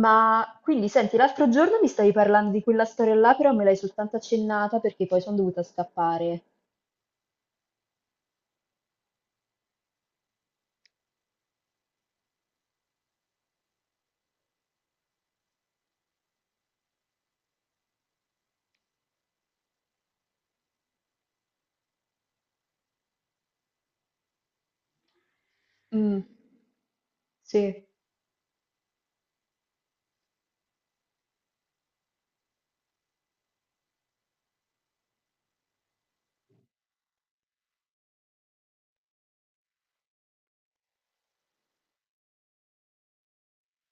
Ma quindi senti, l'altro giorno mi stavi parlando di quella storia là, però me l'hai soltanto accennata perché poi sono dovuta scappare. Mm, sì.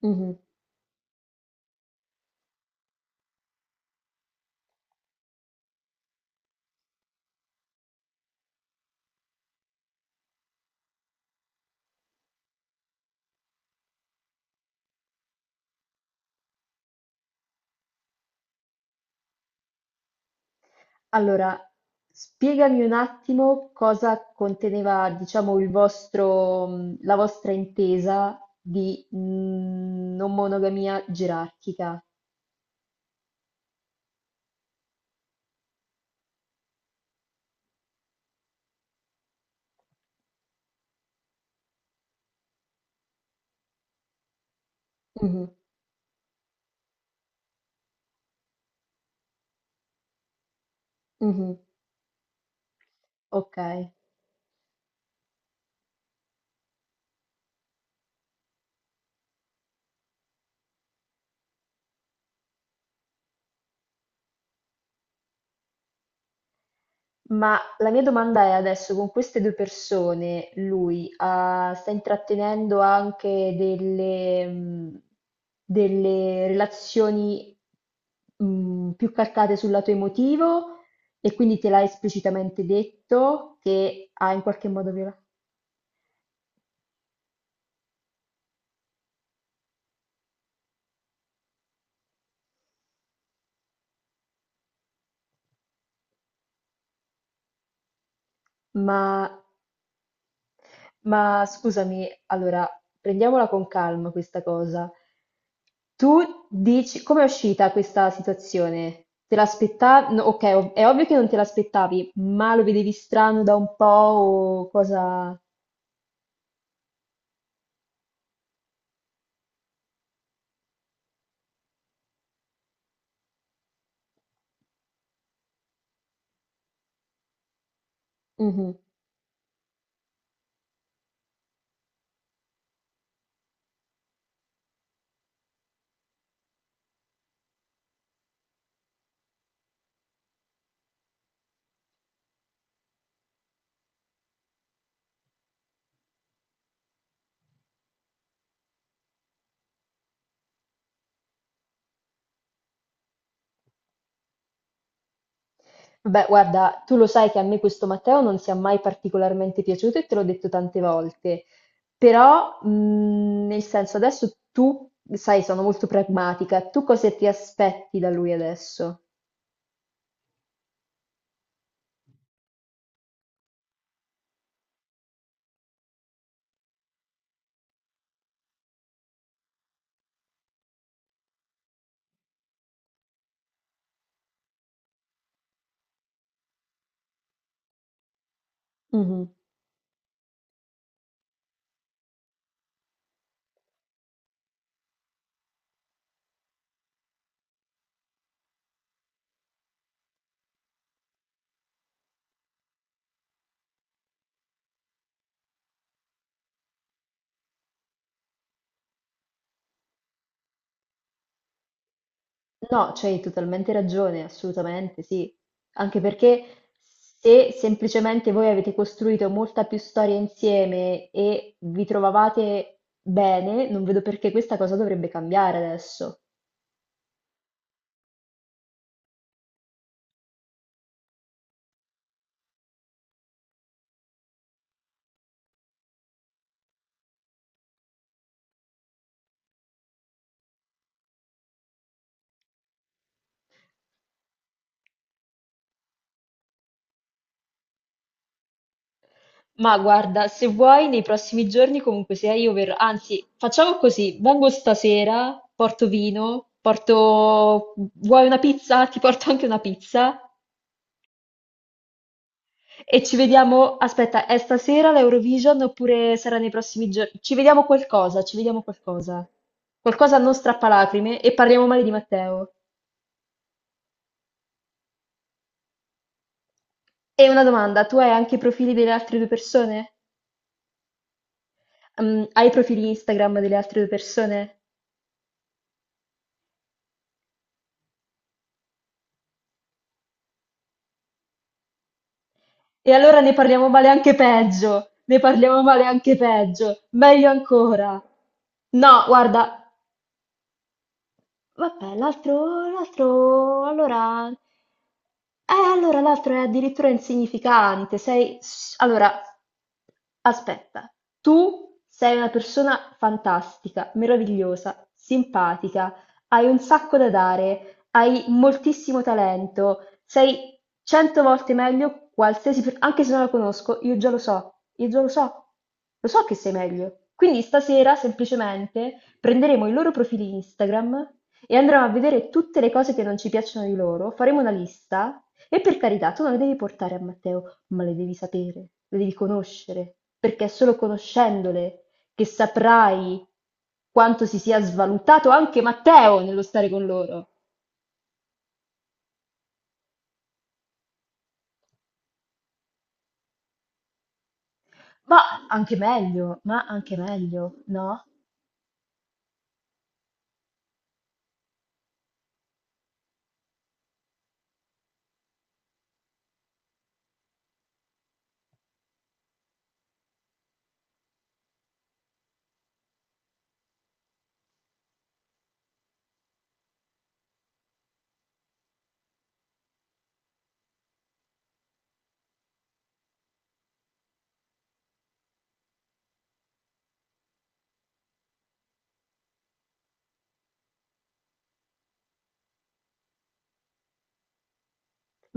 Mhm. Allora, spiegami un attimo cosa conteneva, diciamo, il vostro, la vostra intesa di non monogamia gerarchica. Mhm, mhm. Ok. Ma la mia domanda è adesso, con queste due persone, lui sta intrattenendo anche delle, delle relazioni più calcate sul lato emotivo e quindi te l'ha esplicitamente detto che ha in qualche modo violato. Ma, ma scusami, allora prendiamola con calma questa cosa. Tu dici, com'è uscita questa situazione? Te l'aspettavi? Ok, è ovvio che non te l'aspettavi, ma lo vedevi strano da un po' o cosa. Mhm. Vabbè, guarda, tu lo sai che a me questo Matteo non sia mai particolarmente piaciuto e te l'ho detto tante volte, però nel senso adesso tu, sai, sono molto pragmatica, tu cosa ti aspetti da lui adesso? No, c'hai totalmente ragione, assolutamente sì. Anche perché se semplicemente voi avete costruito molta più storia insieme e vi trovavate bene, non vedo perché questa cosa dovrebbe cambiare adesso. Ma guarda, se vuoi, nei prossimi giorni comunque sia io verrò, anzi, facciamo così, vengo stasera, porto vino, porto, vuoi una pizza? Ti porto anche una pizza. E ci vediamo, aspetta, è stasera l'Eurovision oppure sarà nei prossimi giorni? Ci vediamo qualcosa, ci vediamo qualcosa. Qualcosa non strappalacrime e parliamo male di Matteo. E una domanda, tu hai anche i profili delle altre due persone? Mm, hai i profili Instagram delle altre due persone? E allora ne parliamo male anche peggio, ne parliamo male anche peggio, meglio ancora. No, guarda. Vabbè, l'altro, allora. Allora l'altro è addirittura insignificante. Sei... Allora, aspetta. Tu sei una persona fantastica, meravigliosa, simpatica, hai un sacco da dare, hai moltissimo talento, sei cento volte meglio qualsiasi... Anche se non la conosco, io già lo so, io già lo so che sei meglio. Quindi stasera semplicemente prenderemo i loro profili Instagram e andremo a vedere tutte le cose che non ci piacciono di loro, faremo una lista e per carità, tu non le devi portare a Matteo, ma le devi sapere, le devi conoscere, perché è solo conoscendole che saprai quanto si sia svalutato anche Matteo nello stare con loro. Ma anche meglio, no?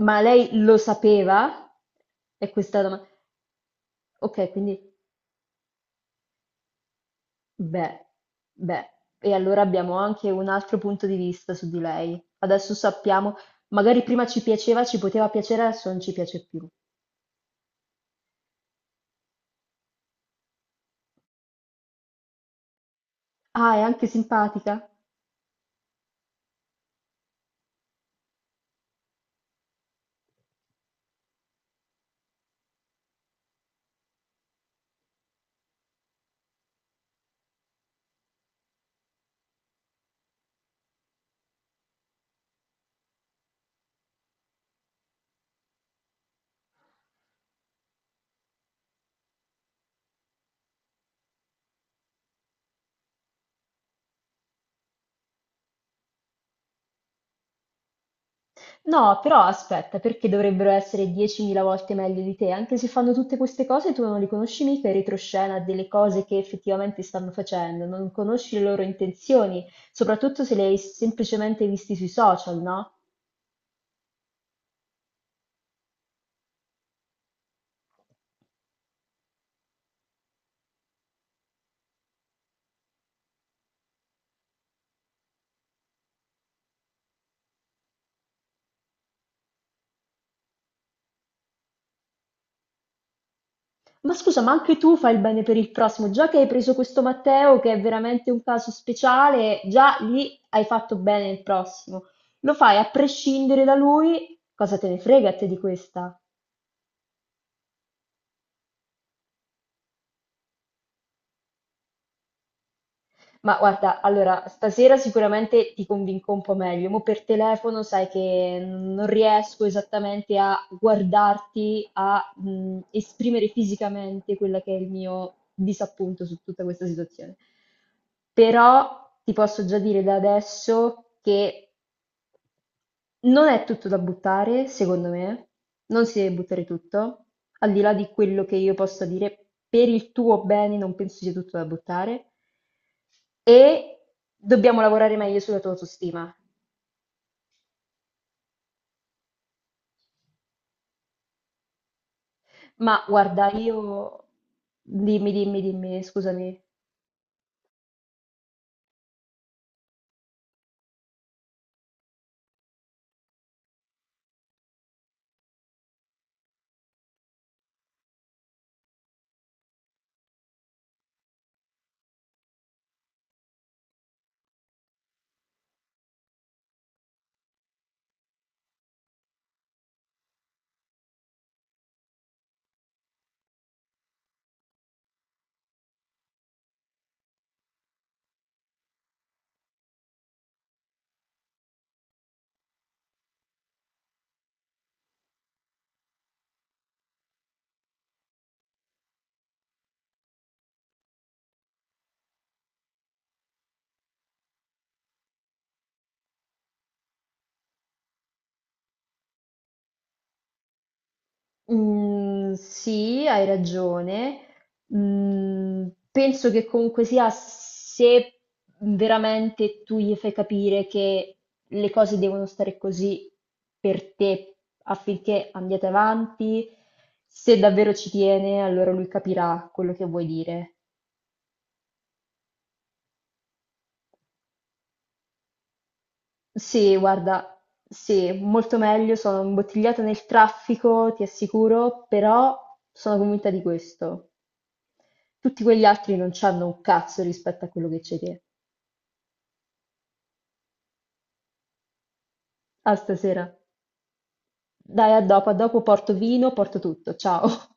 Ma lei lo sapeva? E questa è la domanda. Ok, quindi. Beh, beh, e allora abbiamo anche un altro punto di vista su di lei. Adesso sappiamo, magari prima ci piaceva, ci poteva piacere, adesso non ci piace più. Ah, è anche simpatica? No, però aspetta, perché dovrebbero essere 10.000 volte meglio di te? Anche se fanno tutte queste cose, tu non li conosci mica in retroscena delle cose che effettivamente stanno facendo, non conosci le loro intenzioni, soprattutto se le hai semplicemente visti sui social, no? Ma scusa, ma anche tu fai il bene per il prossimo, già che hai preso questo Matteo, che è veramente un caso speciale, già lì hai fatto bene il prossimo. Lo fai a prescindere da lui, cosa te ne frega a te di questa? Ma guarda, allora, stasera sicuramente ti convinco un po' meglio. Mo' per telefono sai che non riesco esattamente a guardarti, a esprimere fisicamente quello che è il mio disappunto su tutta questa situazione. Però ti posso già dire da adesso che non è tutto da buttare, secondo me, non si deve buttare tutto, al di là di quello che io possa dire, per il tuo bene non penso sia tutto da buttare e dobbiamo lavorare meglio sulla tua autostima. Ma guarda, io... Dimmi, scusami. Mm, sì, hai ragione. Mm, penso che comunque sia se veramente tu gli fai capire che le cose devono stare così per te affinché andiate avanti, se davvero ci tiene, allora lui capirà quello che vuoi dire. Sì, guarda, sì, molto meglio, sono imbottigliata nel traffico, ti assicuro, però sono convinta di questo. Tutti quegli altri non c'hanno un cazzo rispetto a quello che c'hai te. Ah stasera? Dai a dopo porto vino, porto tutto, ciao.